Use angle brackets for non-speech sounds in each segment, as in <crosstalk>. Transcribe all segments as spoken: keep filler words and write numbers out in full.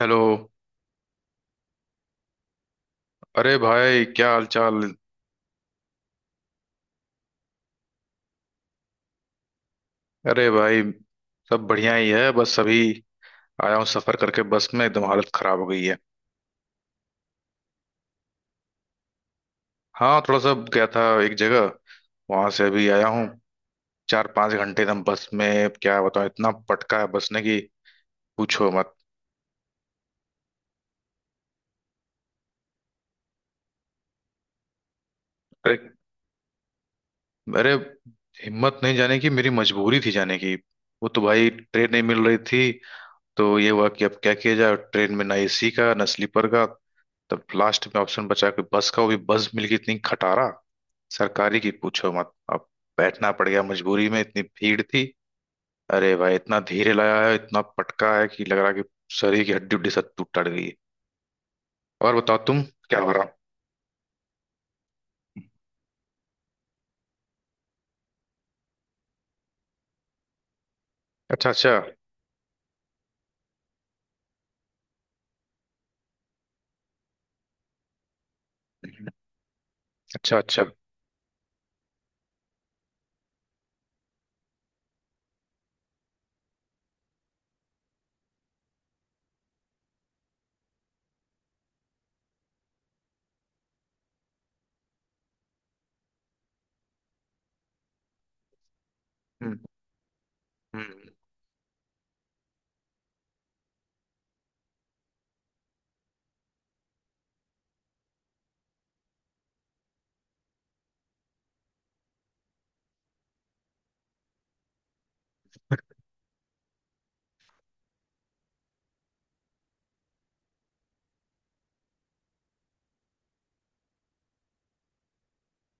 Hello. अरे भाई, क्या हाल चाल? अरे भाई, सब बढ़िया ही है। बस अभी आया हूँ सफर करके, बस में एकदम हालत खराब हो गई है। हाँ, थोड़ा सा गया था एक जगह, वहां से अभी आया हूँ। चार पांच घंटे एकदम बस में, क्या बताऊँ, इतना पटका है बस ने कि पूछो मत। अरे, अरे, हिम्मत नहीं जाने की, मेरी मजबूरी थी जाने की। वो तो भाई ट्रेन नहीं मिल रही थी, तो ये हुआ कि अब क्या किया जाए, ट्रेन में ना ए सी का ना स्लीपर का। तब लास्ट में ऑप्शन बचा कि बस का, वो भी बस मिल गई इतनी खटारा सरकारी की, पूछो मत। अब बैठना पड़ गया मजबूरी में, इतनी भीड़ थी। अरे भाई, इतना धीरे लगा है, इतना पटका है कि लग रहा है कि शरीर की हड्डी उड्डी सब टूट टट गई है। और बताओ तुम, क्या हो रहा? अच्छा, अच्छा। अच्छा, अच्छा। हम्म। हम्म।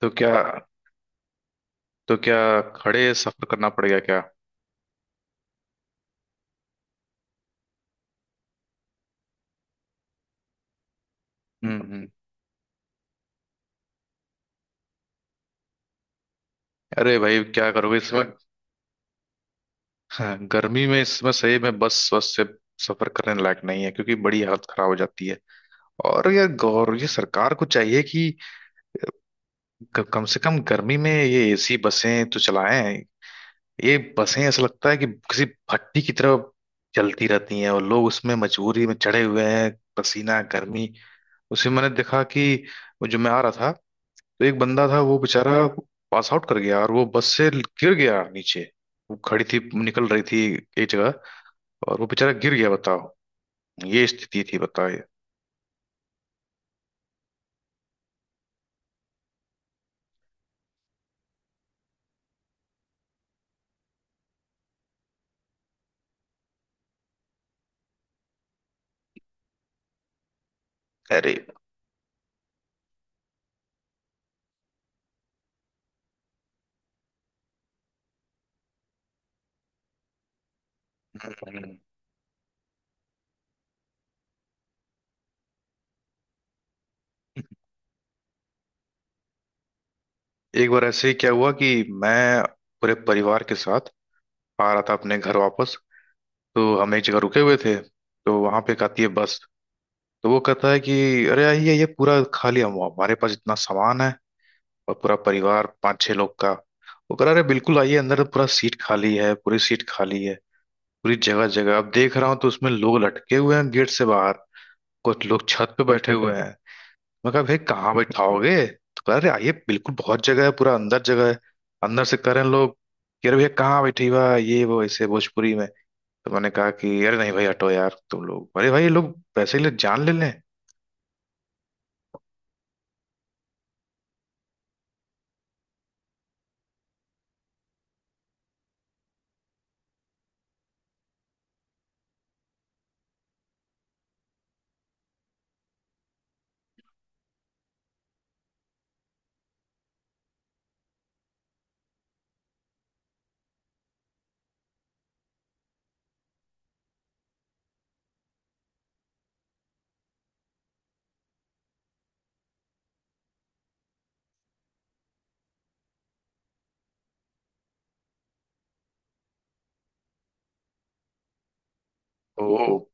तो क्या तो क्या, खड़े सफर करना पड़ गया क्या? हम्म। हम्म। अरे भाई, क्या करोगे इसमें। हाँ, <laughs> गर्मी में इसमें सही में, बस बस से सफर करने लायक नहीं है, क्योंकि बड़ी हालत खराब हो जाती है। और ये गौर, ये सरकार को चाहिए कि क- कम से कम गर्मी में ये ए सी बसें तो चलाएं। ये बसें ऐसा लगता है कि किसी भट्टी की तरह चलती रहती हैं, और लोग उसमें मजबूरी में चढ़े हुए हैं। पसीना, गर्मी। उसमें मैंने देखा कि वो जो मैं आ रहा था, तो एक बंदा था, वो बेचारा पास आउट कर गया और वो बस से गिर गया नीचे। वो खड़ी थी, निकल रही थी एक जगह, और वो बेचारा गिर गया, बताओ। ये स्थिति थी, बताइए। अरे, एक बार ऐसे ही क्या हुआ कि मैं पूरे परिवार के साथ आ रहा था अपने घर वापस। तो हम एक जगह रुके हुए थे, तो वहां पे एक आती है बस। तो वो कहता है कि अरे आइए, ये पूरा खाली, हम हमारे पास इतना सामान है, और पूरा परिवार पाँच छह लोग का। वो कह रहा, अरे बिल्कुल आइए, अंदर पूरा सीट खाली है, पूरी सीट खाली है, पूरी जगह जगह अब देख रहा हूँ तो उसमें लोग लटके हुए हैं गेट से बाहर, कुछ लोग छत पे बैठे हुए हैं। मैं कहा, भाई कहाँ बैठाओगे, तो कह रहा अरे आइए बिल्कुल, बहुत जगह है, पूरा अंदर जगह है। अंदर से कह रहे हैं लोग कि अरे भैया कहाँ बैठी हुआ है? ये वो ऐसे भोजपुरी में। तो मैंने कहा कि अरे नहीं भाई, हटो यार तुम लोग, अरे भाई ये लोग पैसे के लिए जान ले लें। तो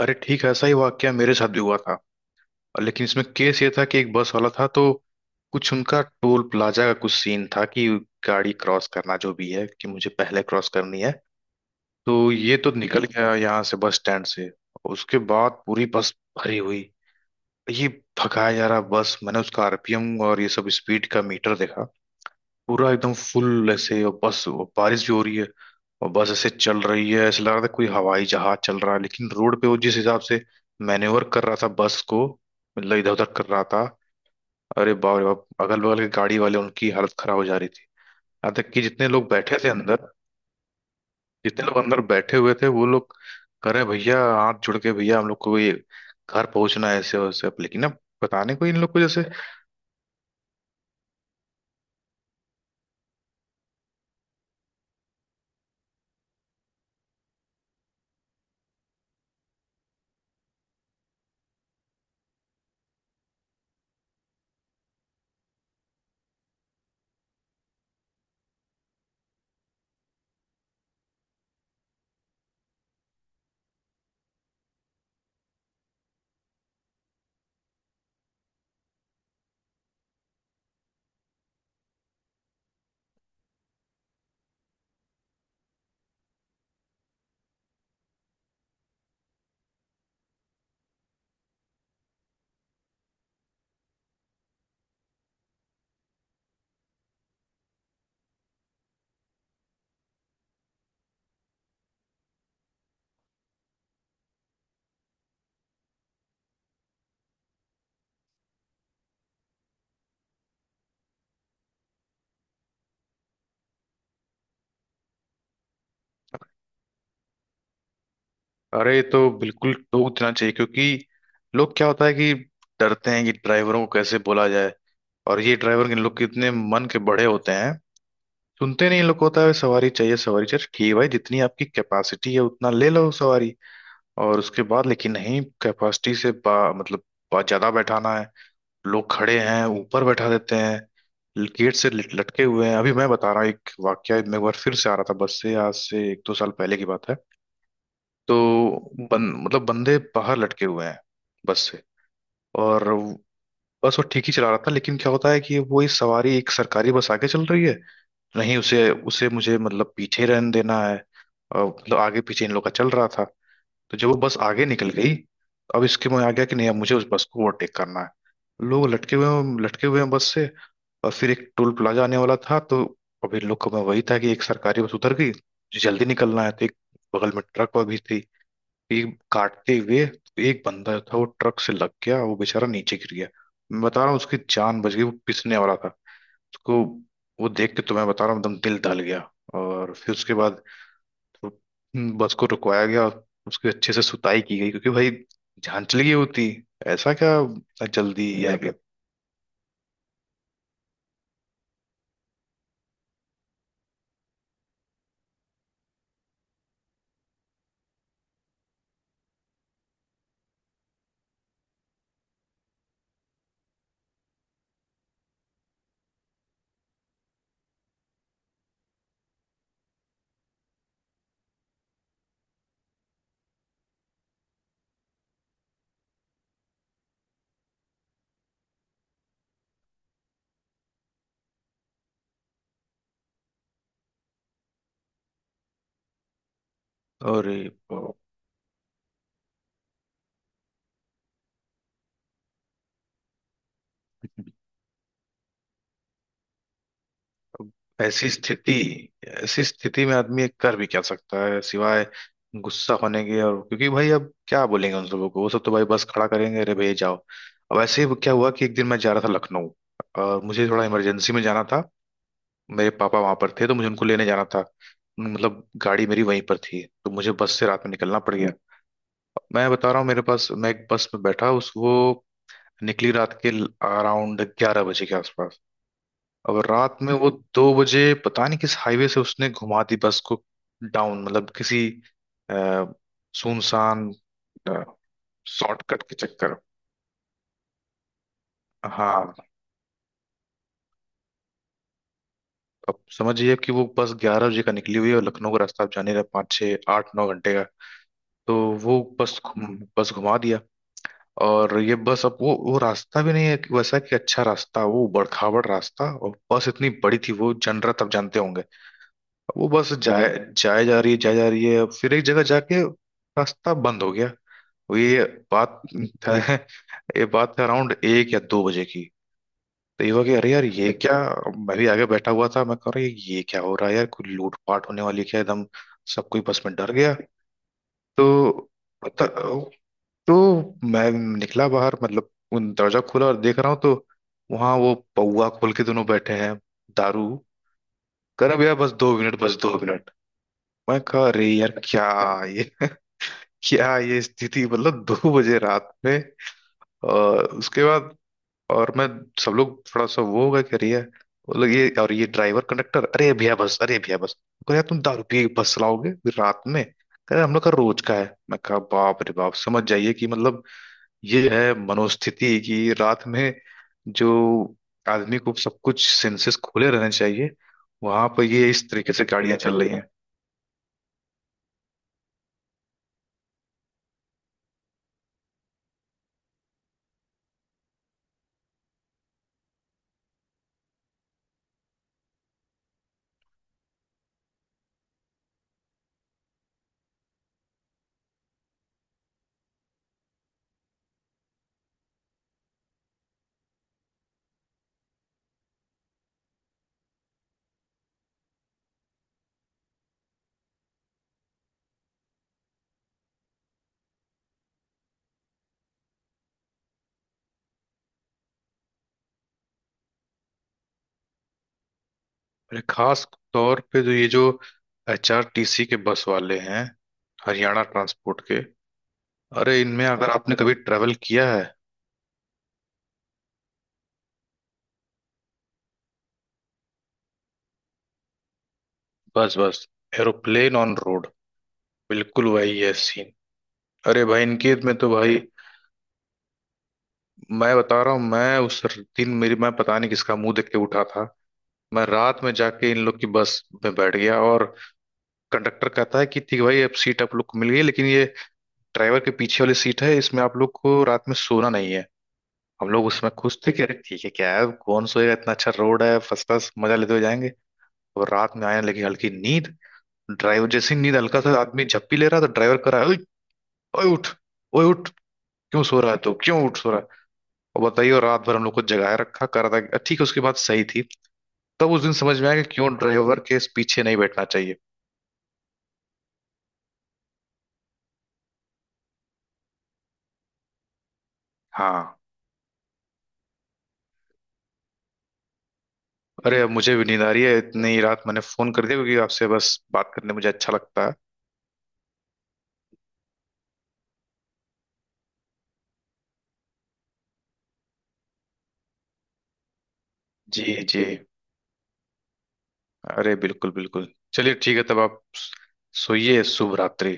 अरे, ठीक है, ऐसा ही वाकया मेरे साथ भी हुआ था। और लेकिन इसमें केस ये था कि एक बस वाला था, तो कुछ उनका टोल प्लाजा का कुछ सीन था कि गाड़ी क्रॉस करना, जो भी है कि, मुझे पहले क्रॉस करनी है। तो ये तो निकल गया यहाँ से बस स्टैंड से, उसके बाद पूरी बस भरी हुई, ये भगाया जा रहा बस। मैंने उसका आर पी एम और ये सब स्पीड का मीटर देखा, पूरा एकदम फुल ऐसे। और बस, और बारिश भी हो रही है, और बस ऐसे चल रही है, ऐसा लग रहा था कोई हवाई जहाज चल रहा है। लेकिन रोड पे वो जिस हिसाब से मैनेवर कर रहा था बस को, मतलब इधर उधर कर रहा था। अरे बाप रे बाप, अगल बगल के गाड़ी वाले, उनकी हालत खराब हो जा रही थी, यहाँ तक कि जितने लोग बैठे थे अंदर, जितने लोग अंदर बैठे हुए थे, वो लोग कह रहे, भैया हाथ जुड़ के, भैया हम लोग को ये घर पहुंचना है ऐसे वैसे, लेकिन अब पता नहीं, कोई इन लोग को जैसे। अरे, ये तो बिल्कुल टोक देना चाहिए, क्योंकि लोग, क्या होता है कि डरते हैं कि ड्राइवरों को कैसे बोला जाए। और ये ड्राइवर, इन लोग कितने मन के बड़े होते हैं, सुनते नहीं। इन लोग को होता है सवारी चाहिए, सवारी चाहिए। ठीक है भाई, जितनी आपकी कैपेसिटी है उतना ले लो सवारी, और उसके बाद लेकिन नहीं, कैपेसिटी से बा, मतलब बहुत ज्यादा बैठाना है, लोग खड़े हैं, ऊपर बैठा देते हैं, गेट से लट- लटके हुए हैं। अभी मैं बता रहा हूँ एक वाकया, मैं एक बार फिर से आ रहा था बस से, आज से एक दो साल पहले की बात है। तो बन, मतलब बंदे बाहर लटके हुए हैं बस से। और बस वो ठीक ही चला रहा था, लेकिन क्या होता है कि वो ये सवारी, एक सरकारी बस आगे चल रही है, नहीं उसे उसे मुझे, मतलब पीछे रहने देना है, और मतलब आगे पीछे इन लोग का चल रहा था। तो जब वो बस आगे निकल गई, तो अब इसके मैं आ गया कि नहीं, अब मुझे उस बस को ओवरटेक करना है। लोग लटके हुए हैं, लटके हुए हैं बस से, और फिर एक टोल प्लाजा आने वाला था, तो अभी लोग को मैं वही था कि एक सरकारी बस उतर गई, मुझे जल्दी निकलना है। तो एक बगल में ट्रक और भी थी, एक काटते हुए, तो एक बंदा था, वो ट्रक से लग गया, वो बेचारा नीचे गिर गया। मैं बता रहा हूँ, उसकी जान बच गई, वो पिसने वाला था उसको। वो देख के तो मैं बता रहा हूँ एकदम दिल दहल गया। और फिर उसके बाद तो बस को रुकवाया गया, उसकी अच्छे से सुताई की गई, क्योंकि भाई, जान चली गई होती, ऐसा क्या जल्दी आ गया। और ऐसी स्थिति ऐसी स्थिति में आदमी एक कर भी क्या सकता है सिवाय गुस्सा होने के, और क्योंकि भाई अब क्या बोलेंगे उन लोगों को, वो सब तो भाई बस खड़ा करेंगे, अरे भैया जाओ। अब ऐसे ही क्या हुआ कि एक दिन मैं जा रहा था लखनऊ, और मुझे थोड़ा इमरजेंसी में जाना था। मेरे पापा वहां पर थे, तो मुझे उनको लेने जाना था, मतलब गाड़ी मेरी वहीं पर थी, तो मुझे बस से रात में निकलना पड़ गया। मैं बता रहा हूँ, मेरे पास, मैं एक बस में बैठा, उस वो निकली रात के अराउंड ग्यारह बजे के आसपास। अब रात में वो दो बजे, पता नहीं किस हाईवे से उसने घुमा दी बस को डाउन, मतलब किसी अ, सुनसान शॉर्टकट के चक्कर। हाँ, अब समझिए कि वो बस ग्यारह बजे का निकली हुई है, और लखनऊ का रास्ता आप जाने रहे पाँच छः आठ नौ घंटे का। तो वो बस घुम बस घुमा दिया। और ये बस, अब वो वो रास्ता भी नहीं है कि वैसा, कि अच्छा रास्ता, वो बड़खावड़ रास्ता, और बस इतनी बड़ी थी वो जनरत आप जानते होंगे। वो बस जाए जाए जा रही है, जाए जा रही है, अब फिर एक जगह जाके रास्ता बंद हो गया। वो ये बात <laughs> ये बात है अराउंड एक या दो बजे की। तो ये हुआ कि अरे यार ये क्या, मैं भी आगे बैठा हुआ था, मैं कह रहा, ये क्या हो रहा है यार, कोई लूटपाट होने वाली है क्या? एकदम सब कोई बस में डर गया। तो तो तो मैं निकला बाहर, मतलब उन दरवाजा खोला, और देख रहा हूँ तो वहां वो पौआ खोल के दोनों बैठे हैं दारू कर। अब यार बस दो मिनट, बस दो मिनट। मैं कह अरे यार क्या ये <laughs> क्या ये स्थिति, मतलब दो बजे रात में। और उसके बाद और मैं, सब लोग थोड़ा सा वो होगा कि अरे यार, वो लोग, ये और ये ड्राइवर कंडक्टर, अरे भैया बस, अरे भैया बस। कह, यार तुम दारू पी के बस चलाओगे फिर रात में? कह रहे हम लोग का रोज का है। मैं कहा, बाप रे बाप, समझ जाइए कि मतलब ये है मनोस्थिति कि रात में, जो आदमी को सब कुछ सेंसेस खुले रहने चाहिए, वहां पर ये इस तरीके से गाड़ियां चल रही हैं। अरे खास तौर पे जो ये जो एच आर टी सी के बस वाले हैं, हरियाणा ट्रांसपोर्ट के, अरे इनमें अगर आपने कभी ट्रेवल किया है। Bus bus aeroplane on road, बिल्कुल वही है सीन। अरे भाई, इनके में तो भाई, मैं बता रहा हूँ, मैं उस दिन, मेरी, मैं पता नहीं किसका मुंह देख के उठा था। मैं रात में जाके इन लोग की बस में बैठ गया, और कंडक्टर कहता है कि ठीक है भाई, अब सीट आप लोग को मिल गई, लेकिन ये ड्राइवर के पीछे वाली सीट है, इसमें आप लोग को रात में सोना नहीं है। हम लोग उसमें खुश थे कि अरे ठीक है, क्या है, कौन सोएगा, इतना अच्छा रोड है, फर्स्ट क्लास मजा लेते हुए जाएंगे। और रात में आने लगी हल्की नींद। ड्राइवर, जैसी नींद हल्का सा आदमी झप्पी ले रहा था, ड्राइवर कर रहा है, ओए, ओए उठ, ओए उठ, क्यों सो रहा है तू, क्यों उठ सो रहा है। और बताइए, और रात भर हम लोग को जगाए रखा, कर रहा था ठीक है, उसकी बात सही थी। तब उस दिन समझ में आया कि क्यों ड्राइवर के पीछे नहीं बैठना चाहिए। हाँ, अरे अब मुझे भी नींद आ रही है, इतनी रात मैंने फोन कर दिया क्योंकि आपसे बस बात करने मुझे अच्छा लगता है। जी, जी, अरे बिल्कुल, बिल्कुल, चलिए ठीक है, तब आप सोइए, शुभ रात्रि।